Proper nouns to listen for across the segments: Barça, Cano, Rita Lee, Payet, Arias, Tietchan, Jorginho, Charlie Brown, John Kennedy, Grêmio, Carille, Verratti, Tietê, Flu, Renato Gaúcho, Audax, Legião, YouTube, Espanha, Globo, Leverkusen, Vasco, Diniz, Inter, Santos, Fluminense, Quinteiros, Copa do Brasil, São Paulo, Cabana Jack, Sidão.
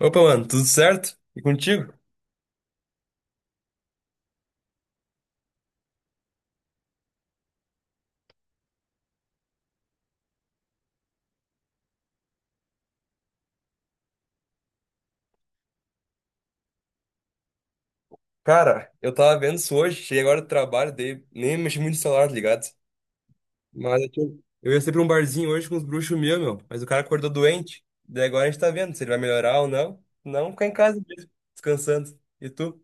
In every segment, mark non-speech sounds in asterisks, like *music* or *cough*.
Opa, mano, tudo certo? E contigo? Cara, eu tava vendo isso hoje, cheguei agora do trabalho, dei nem mexi muito no celular, tá ligado? Mas eu ia ser pra um barzinho hoje com os bruxos meus, meu, mas o cara acordou doente, daí agora a gente tá vendo se ele vai melhorar ou não. Não, ficar em casa mesmo, descansando. E tu?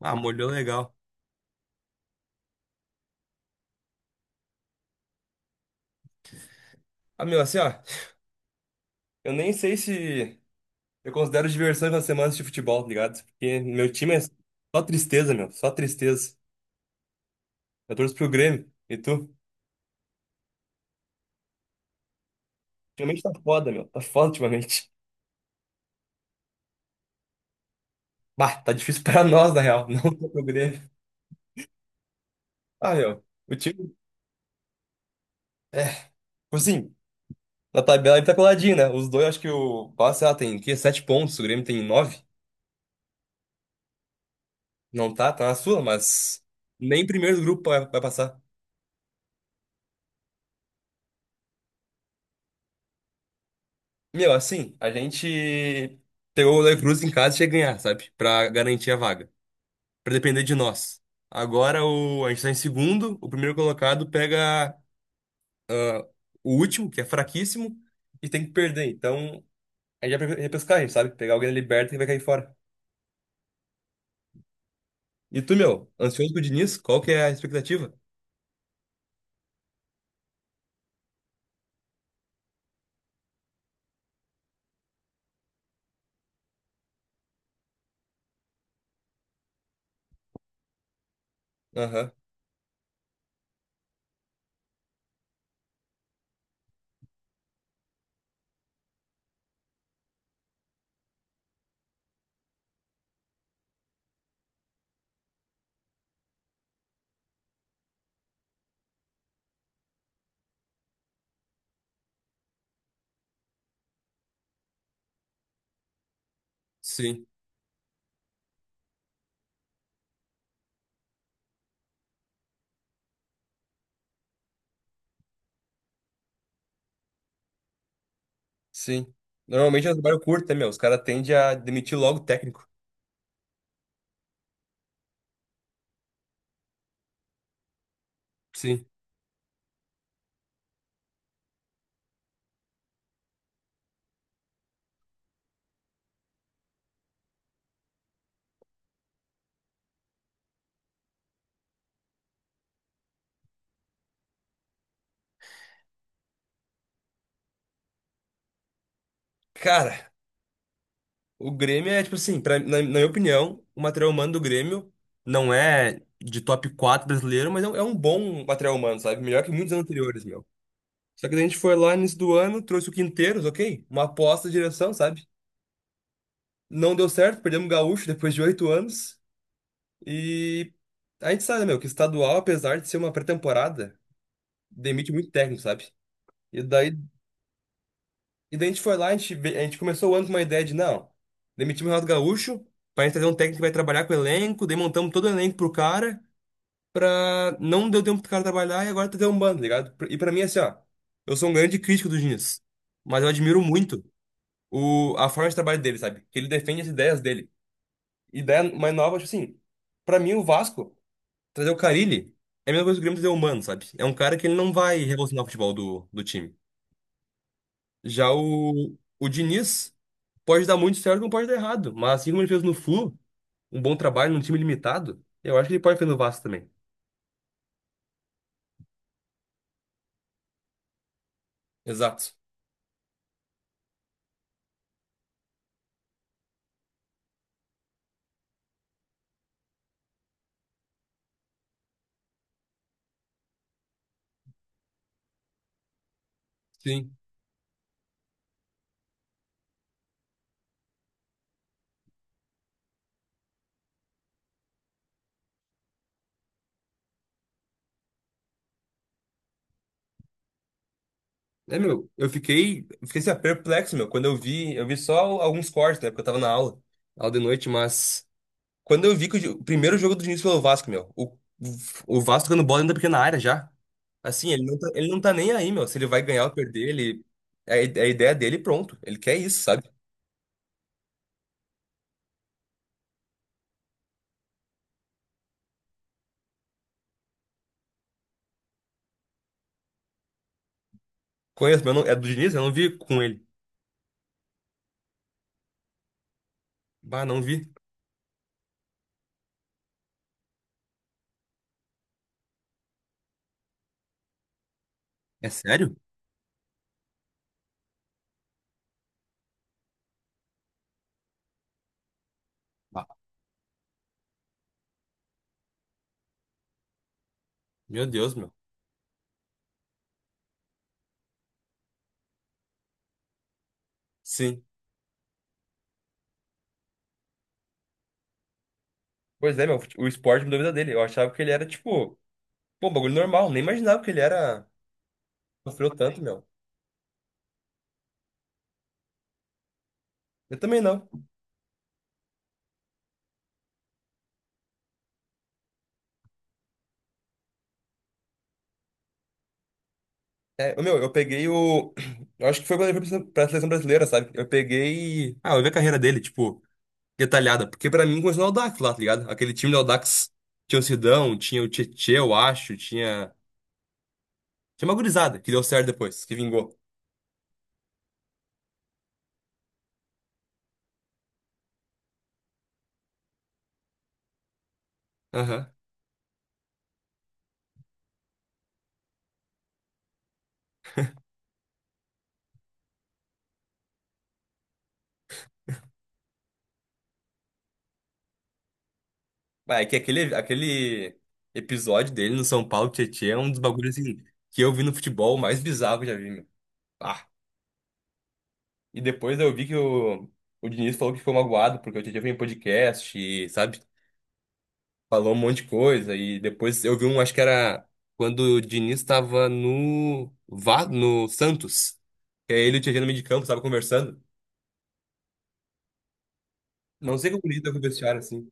Ah, molhou legal. Ah, meu, assim, ó, eu nem sei se eu considero diversão nas semanas de futebol, tá ligado? Porque meu time é só tristeza, meu, só tristeza. Eu torço pro Grêmio, e tu? Ultimamente tá foda, meu, tá foda ultimamente. Bah, tá difícil pra nós, na real, *laughs* não só pro Grêmio. Ah, meu, o time, é, tipo assim, na tabela ele tá coladinho, né? Os dois, acho que o Barça, sei lá, tem, que, 7 pontos, o Grêmio tem nove. Não tá, tá na sua, mas nem primeiro do grupo vai passar. Meu, assim, a gente pegou o Leverkusen em casa e tinha que ganhar, sabe? Pra garantir a vaga, pra depender de nós. Agora a gente tá em segundo, o primeiro colocado pega o último, que é fraquíssimo, e tem que perder. Então, a gente vai pra repescagem, sabe? Pegar alguém na liberta e vai cair fora. E tu, meu, ansioso com o Diniz? Qual que é a expectativa? Aham, sim, sim. Normalmente é um trabalho curto, né, meu? Os caras tendem a demitir logo o técnico. Sim. Cara, o Grêmio é, tipo assim, na minha opinião, o material humano do Grêmio não é de top 4 brasileiro, mas é um bom material humano, sabe? Melhor que muitos anos anteriores, meu. Só que daí a gente foi lá no início do ano, trouxe o Quinteiros, ok? Uma aposta de direção, sabe? Não deu certo, perdemos o Gaúcho depois de 8 anos. E a gente sabe, né, meu, que estadual, apesar de ser uma pré-temporada, demite muito técnico, sabe? E daí, e daí, a gente foi lá, a gente começou o ano com uma ideia de, não, demitimos o Renato Gaúcho, pra gente trazer um técnico que vai trabalhar com o elenco, daí montamos todo o elenco pro cara, pra não deu tempo pro cara trabalhar e agora tá dando um bando, tá ligado? E pra mim, é assim, ó, eu sou um grande crítico do Diniz, mas eu admiro muito a forma de trabalho dele, sabe? Que ele defende as ideias dele. Ideia mais nova, tipo assim, pra mim o Vasco. Trazer o Carille é a mesma coisa que o Grêmio trazer o Mano, sabe? É um cara que ele não vai revolucionar o futebol do time. Já o Diniz pode dar muito certo, como pode dar errado. Mas assim como ele fez no Flu, um bom trabalho num time limitado, eu acho que ele pode fazer no Vasco também. Exato. Sim. É, meu, eu fiquei assim, ó, perplexo, meu, quando eu vi só alguns cortes, né, porque eu tava na aula, aula de noite, mas quando eu vi que o primeiro jogo do Diniz pelo Vasco, meu, o Vasco tocando bola dentro da pequena área já. Assim, ele não tá nem aí, meu. Se ele vai ganhar ou perder, ele. É a ideia dele, pronto. Ele quer isso, sabe? Conheço, mas eu não, é do Diniz, eu não vi com ele. Bah, não vi. É sério? Ah, meu Deus, meu. Sim. Pois é, meu. O esporte me a vida dele. Eu achava que ele era, tipo, pô, bagulho normal. Nem imaginava que ele era. Sofreu tanto, meu. Eu também não. É, meu, eu peguei o. *clears throat* Eu acho que foi quando ele foi pra seleção brasileira, sabe? Eu peguei. Ah, eu vi a carreira dele, tipo, detalhada. Porque pra mim começou no Audax lá, tá ligado? Aquele time do Audax tinha o Sidão, tinha o Tietê, eu acho, tinha. Tinha uma gurizada que deu certo depois, que vingou. Aham. Mas é que aquele episódio dele no São Paulo, Tietê, é um dos bagulhos assim, que eu vi no futebol mais bizarro que eu já vi, meu. Ah. E depois eu vi que o Diniz falou que ficou magoado, porque o Tietê foi em podcast, e, sabe? Falou um monte de coisa e depois eu vi um, acho que era quando o Diniz estava no Santos, que aí ele e o Tietchan no meio de campo, estava conversando. Não sei como ele lida com o vestiário assim.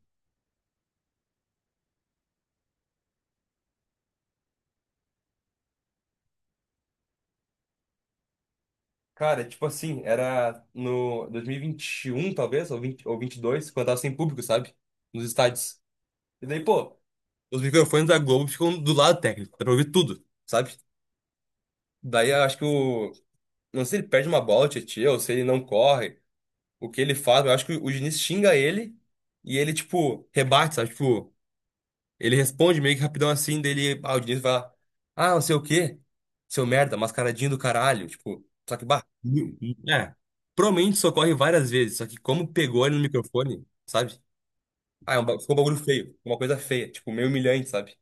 Cara, tipo assim, era no 2021 talvez, ou 20, ou 22, quando tava sem público, sabe? Nos estádios. E daí, pô, os microfones da Globo ficam do lado técnico, dá pra ouvir tudo, sabe? Daí eu acho que o não sei se ele perde uma bola, o Tietchan, ou se ele não corre. O que ele faz, eu acho que o Diniz xinga ele e ele, tipo, rebate, sabe? Tipo, ele responde meio que rapidão assim, dele, ah, o Diniz vai lá, ah, não sei o quê, seu merda, mascaradinho do caralho, tipo, só que, bah, é, provavelmente socorre várias vezes, só que como pegou ele no microfone, sabe? Ah, ficou um bagulho feio, uma coisa feia, tipo, meio humilhante, sabe?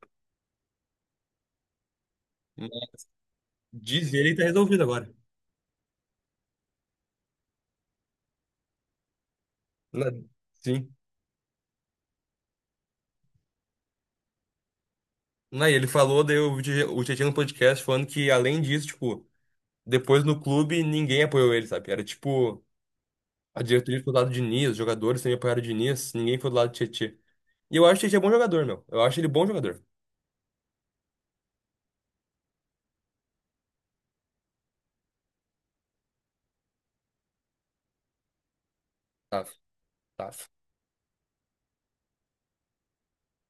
Diz ele e tá resolvido agora. Na- Sim. Não, e ele falou, daí o Tietchan no podcast falando que além disso, tipo, depois no clube, ninguém apoiou ele, sabe? Era tipo, a diretoria foi do lado de Diniz, os jogadores também apoiaram o Diniz, ninguém foi do lado do Tietchan. E eu acho que o Tietchan é bom jogador, meu. Eu acho ele bom jogador. Tá, tá.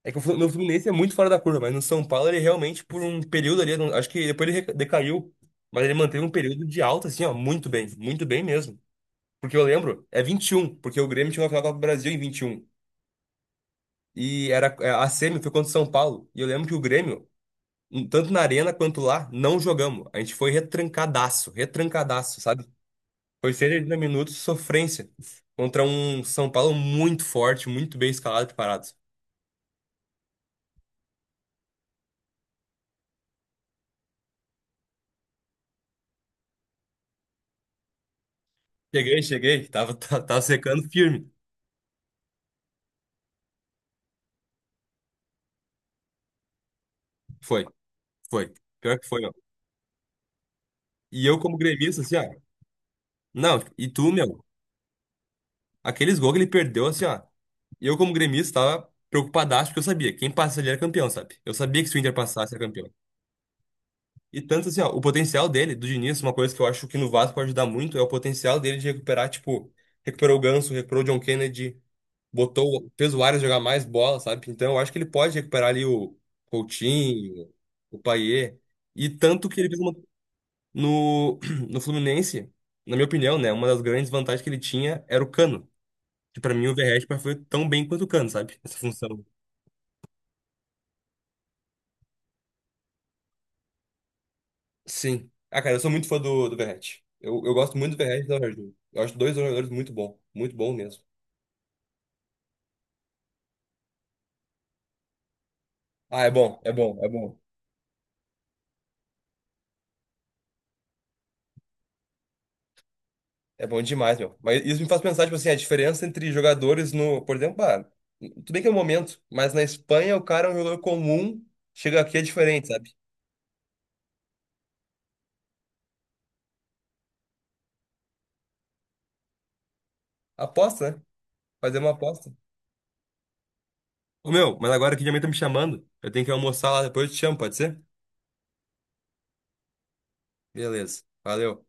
É que no Fluminense é muito fora da curva, mas no São Paulo ele realmente, por um período ali, eu não- acho que depois ele decaiu, mas ele manteve um período de alta, assim, ó, muito bem mesmo. Porque eu lembro, é 21, porque o Grêmio tinha uma final da Copa do Brasil em 21. E um. E era, é, a semi foi contra o São Paulo. E eu lembro que o Grêmio um, tanto na arena quanto lá, não jogamos. A gente foi retrancadaço, retrancadaço, sabe? Foi 180 minutos de sofrência contra um São Paulo muito forte, muito bem escalado e preparado. Cheguei, cheguei, tava, *laughs* tava, tava secando firme. Foi, foi. Pior que foi, ó. E eu como gremista, assim, ó. Não, e tu, meu, aqueles gols que ele perdeu, assim, ó. E eu como gremista tava preocupadaço, porque eu sabia, quem passa ali era campeão, sabe? Eu sabia que se o Inter passasse era campeão. E tanto assim, ó, o potencial dele, do Diniz, uma coisa que eu acho que no Vasco pode ajudar muito é o potencial dele de recuperar, tipo, recuperou o Ganso, recuperou o John Kennedy, botou, fez o Arias jogar mais bola, sabe? Então eu acho que ele pode recuperar ali o Coutinho, o Payet. E tanto que ele fez uma, no, *clears throat* no Fluminense, na minha opinião, né, uma das grandes vantagens que ele tinha era o Cano, que pra mim o Verratti foi tão bem quanto o Cano, sabe? Essa função. Sim. Ah, cara, eu sou muito fã do Verratti. Eu gosto muito do Verratti e do Jorginho. Eu acho dois jogadores muito bom mesmo. Ah, é bom, é bom, é bom. É bom demais, meu. Mas isso me faz pensar, tipo assim, a diferença entre jogadores no, por exemplo, ah, tudo bem que é o momento, mas na Espanha o cara é um jogador comum, chega aqui é diferente, sabe? Aposta, né? Fazer uma aposta. Ô, meu, mas agora que minha mãe tá me chamando, eu tenho que almoçar lá, depois eu te chamo, pode ser? Beleza. Valeu.